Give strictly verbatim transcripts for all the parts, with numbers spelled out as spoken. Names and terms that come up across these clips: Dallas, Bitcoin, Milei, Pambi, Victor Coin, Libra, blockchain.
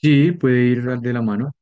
Sí, puede ir de la mano.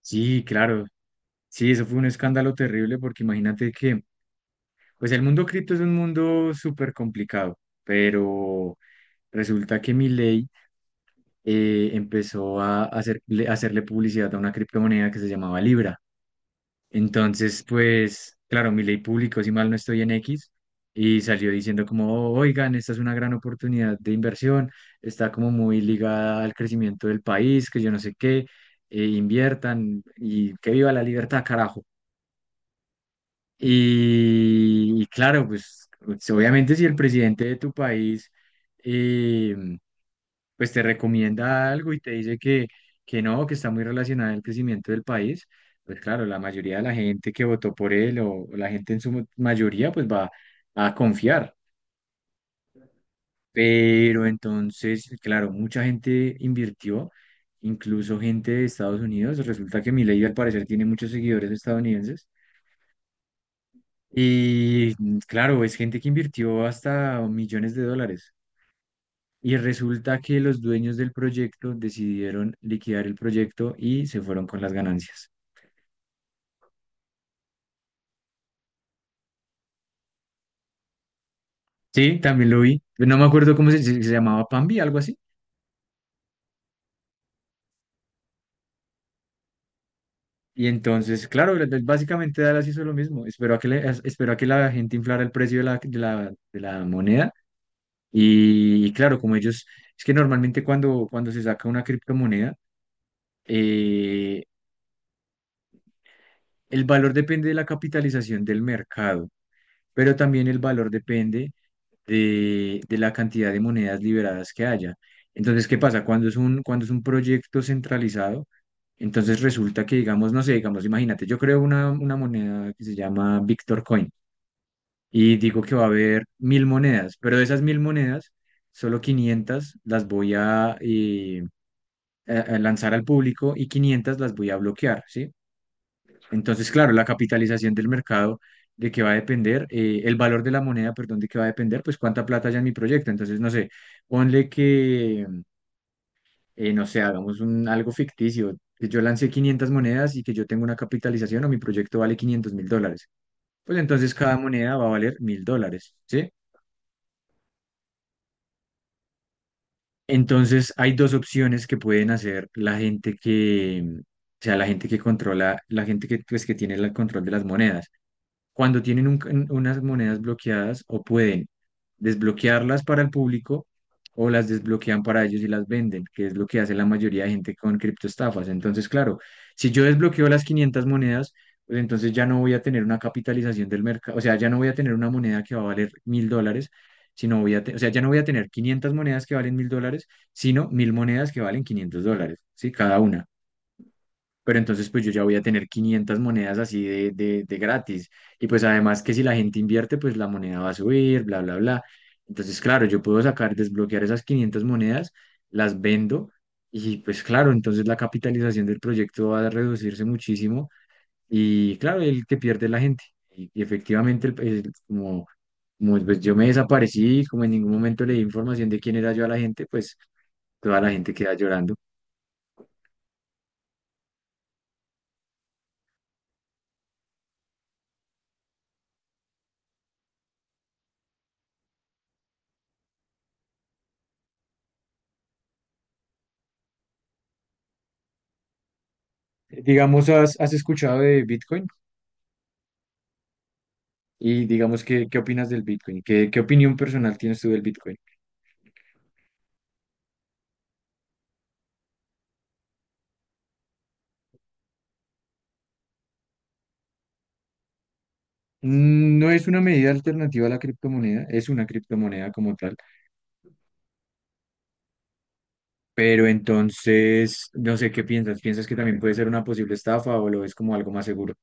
Sí, claro. Sí, eso fue un escándalo terrible porque imagínate que, pues el mundo cripto es un mundo súper complicado, pero resulta que Milei eh, empezó a hacer- le- hacerle publicidad a una criptomoneda que se llamaba Libra. Entonces, pues, claro, Milei publicó, si mal no estoy, en X, y salió diciendo como, "Oh, oigan, esta es una gran oportunidad de inversión, está como muy ligada al crecimiento del país, que yo no sé qué, eh, inviertan y que viva la libertad, carajo." Y, y claro, pues, obviamente si el presidente de tu país, eh, pues te recomienda algo y te dice que, que no, que está muy relacionado el crecimiento del país, pues claro, la mayoría de la gente que votó por él o, o la gente en su mayoría pues va a confiar. Pero entonces, claro, mucha gente invirtió, incluso gente de Estados Unidos. Resulta que Milei al parecer tiene muchos seguidores estadounidenses. Y mm, claro, es gente que invirtió hasta millones de dólares. Y resulta que los dueños del proyecto decidieron liquidar el proyecto y se fueron con las ganancias. Sí, también lo vi. No me acuerdo cómo se, se- se llamaba, Pambi, algo así. Y entonces, claro, la- la- básicamente Dallas hizo lo mismo. Esperó a que, le- as- esperó a que la gente inflara el precio de la, de la, de la moneda. Y, y claro, como ellos, es que normalmente cuando, cuando se saca una criptomoneda, eh, el valor depende de la capitalización del mercado, pero también el valor depende de, de la cantidad de monedas liberadas que haya. Entonces, ¿qué pasa? Cuando es un, cuando es un proyecto centralizado, entonces resulta que, digamos, no sé, digamos, imagínate, yo creo una, una moneda que se llama Victor Coin y digo que va a haber mil monedas, pero de esas mil monedas, solo quinientas las voy a, eh, a- a lanzar al público y quinientas las voy a bloquear, ¿sí? Entonces, claro, la capitalización del mercado de que va a depender, eh, el valor de la moneda, perdón, de que va a depender, pues cuánta plata haya en mi proyecto. Entonces, no sé, ponle que, eh, no sé, hagamos un, algo ficticio, que yo lancé quinientas monedas y que yo tengo una capitalización o mi proyecto vale quinientos mil dólares. Pues entonces cada moneda va a valer mil dólares, ¿sí? Entonces, hay dos opciones que pueden hacer la gente, que, o sea, la gente que controla, la gente que, pues, que tiene el control de las monedas. Cuando tienen un- un- unas monedas bloqueadas, o pueden desbloquearlas para el público, o las desbloquean para ellos y las venden, que es lo que hace la mayoría de gente con criptoestafas. Entonces, claro, si yo desbloqueo las quinientas monedas, pues entonces ya no voy a tener una capitalización del mercado, o sea, ya no voy a tener una moneda que va a valer mil dólares, sino voy a, te- o sea, ya no voy a tener quinientas monedas que valen mil dólares, sino mil monedas que valen quinientos dólares, ¿sí? Cada una. Pero entonces pues yo ya voy a tener quinientas monedas así de, de, de gratis. Y pues además que si la gente invierte, pues la moneda va a subir, bla, bla, bla. Entonces, claro, yo puedo sacar, desbloquear esas quinientas monedas, las vendo y pues claro, entonces la capitalización del proyecto va a reducirse muchísimo y claro, el que pierde es la gente. Y, y efectivamente, el- el- como, como pues, yo me desaparecí, como en ningún momento le di información de quién era yo a la gente, pues toda la gente queda llorando. Digamos, ¿has, has escuchado de Bitcoin? Y digamos, ¿qué, qué opinas del Bitcoin? ¿Qué, qué opinión personal tienes tú del Bitcoin? Mm, No es una medida alternativa a la criptomoneda, es una criptomoneda como tal, pero entonces, no sé, ¿qué piensas? ¿Piensas que también puede ser una posible estafa o lo ves como algo más seguro?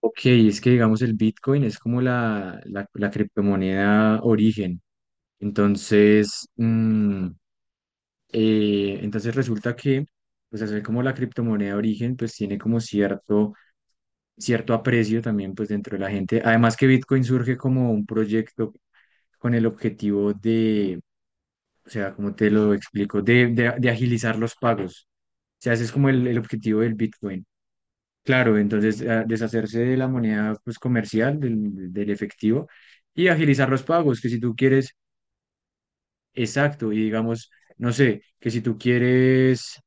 Ok, es que digamos el Bitcoin es como la, la, la criptomoneda origen. Entonces, mm, eh, entonces resulta que, pues hacer como la criptomoneda origen, pues tiene como cierto cierto aprecio también, pues dentro de la gente. Además que Bitcoin surge como un proyecto con el objetivo de, o sea, cómo te lo explico, de, de- de agilizar los pagos. O sea, ese es como el, el objetivo del Bitcoin. Claro, entonces ah, deshacerse de la moneda pues comercial, del, del efectivo, y agilizar los pagos, que si tú quieres. Exacto, y digamos, no sé, que si tú quieres,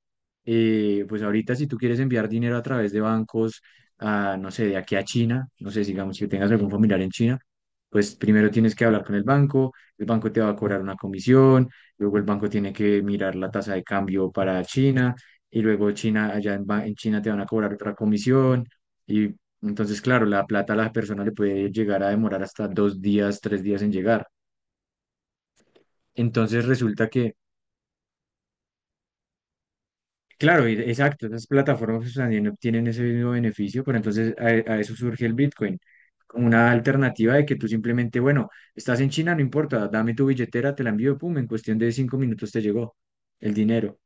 eh, pues ahorita si tú quieres enviar dinero a través de bancos, a, no sé, de aquí a China, no sé, digamos que tengas algún familiar en China, pues primero tienes que hablar con el banco, el banco te va a cobrar una comisión, luego el banco tiene que mirar la tasa de cambio para China, y luego China, allá en, ba- en China te van a cobrar otra comisión, y entonces, claro, la plata a la persona le puede llegar a demorar hasta dos días, tres días en llegar. Entonces resulta que. Claro, y- exacto, esas plataformas pues, también obtienen ese mismo beneficio, pero entonces a, a eso surge el Bitcoin, como una alternativa de que tú simplemente, bueno, estás en China, no importa, dame tu billetera, te la envío, pum, en cuestión de cinco minutos te llegó el dinero.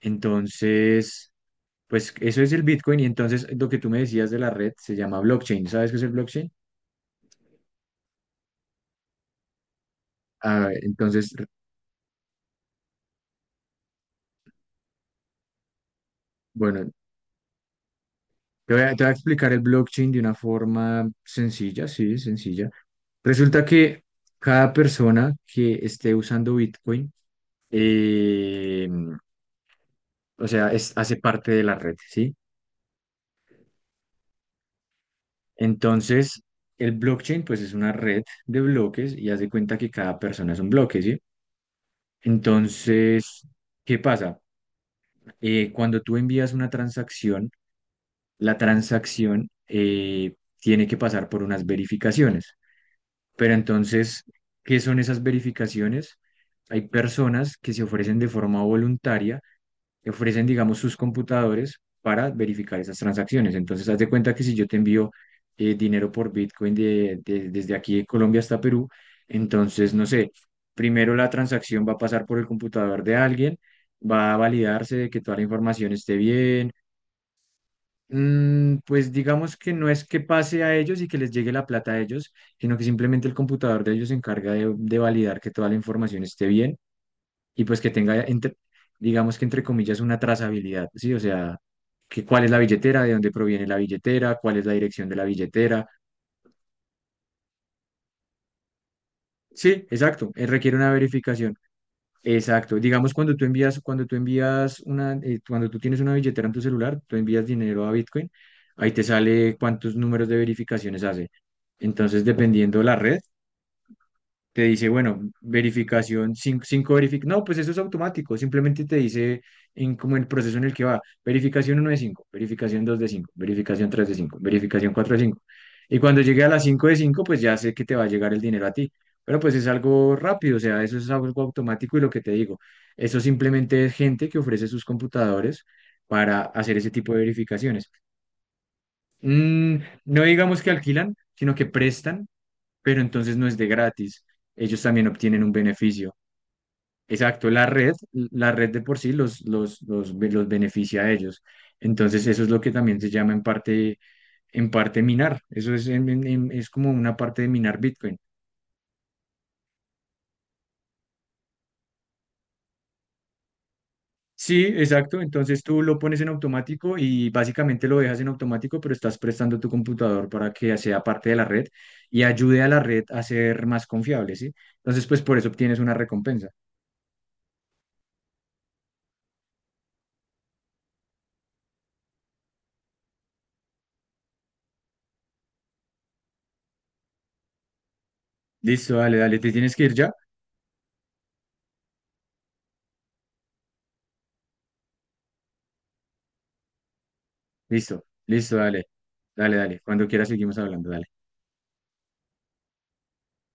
Entonces, pues eso es el Bitcoin, y entonces lo que tú me decías de la red se llama blockchain. ¿Sabes qué es el blockchain? Ah, entonces, bueno, Te voy a, te voy a explicar el blockchain de una forma sencilla, sí, sencilla. Resulta que cada persona que esté usando Bitcoin, eh, o sea, es, hace parte de la red, ¿sí? Entonces, el blockchain, pues, es una red de bloques y haz de cuenta que cada persona es un bloque, ¿sí? Entonces, ¿qué pasa? Eh, cuando tú envías una transacción, la transacción eh, tiene que pasar por unas verificaciones. Pero entonces, ¿qué son esas verificaciones? Hay personas que se ofrecen de forma voluntaria, que ofrecen, digamos, sus computadores para verificar esas transacciones. Entonces, haz de cuenta que si yo te envío eh, dinero por Bitcoin de- de- desde aquí de Colombia hasta Perú, entonces, no sé, primero la transacción va a pasar por el computador de alguien, va a validarse de que toda la información esté bien. Mm, pues digamos que no es que pase a ellos y que les llegue la plata a ellos, sino que simplemente el computador de ellos se encarga de, de validar que toda la información esté bien y pues que tenga, entre- digamos que entre comillas, una trazabilidad, ¿sí? O sea, que cuál es la billetera, de dónde proviene la billetera, cuál es la dirección de la billetera. Sí, exacto, eh, requiere una verificación. Exacto. Digamos, cuando tú envías, cuando tú envías una, eh, cuando tú tienes una billetera en tu celular, tú envías dinero a Bitcoin, ahí te sale cuántos números de verificaciones hace. Entonces, dependiendo la red, te dice, bueno, verificación, cinco, cinco verific No, pues eso es automático, simplemente te dice en, como el proceso en el que va, verificación uno de cinco, verificación dos de cinco, verificación tres de cinco, verificación cuatro de cinco. Y cuando llegue a las cinco de cinco, pues ya sé que te va a llegar el dinero a ti. Pero pues es algo rápido, o sea, eso es algo automático, y lo que te digo, eso simplemente es gente que ofrece sus computadores para hacer ese tipo de verificaciones. Mm, no digamos que alquilan, sino que prestan, pero entonces no es de gratis. Ellos también obtienen un beneficio. Exacto, la red, la red de por sí los, los, los, los beneficia a ellos. Entonces eso es lo que también se llama, en parte, en parte, minar. Eso es, en- en- en- es como una parte de minar Bitcoin. Sí, exacto. Entonces tú lo pones en automático y básicamente lo dejas en automático, pero estás prestando tu computador para que sea parte de la red y ayude a la red a ser más confiable, ¿sí? Entonces, pues por eso obtienes una recompensa. Listo, dale, dale. ¿Te tienes que ir ya? Listo, listo, dale. Dale, dale. Cuando quieras seguimos hablando, dale.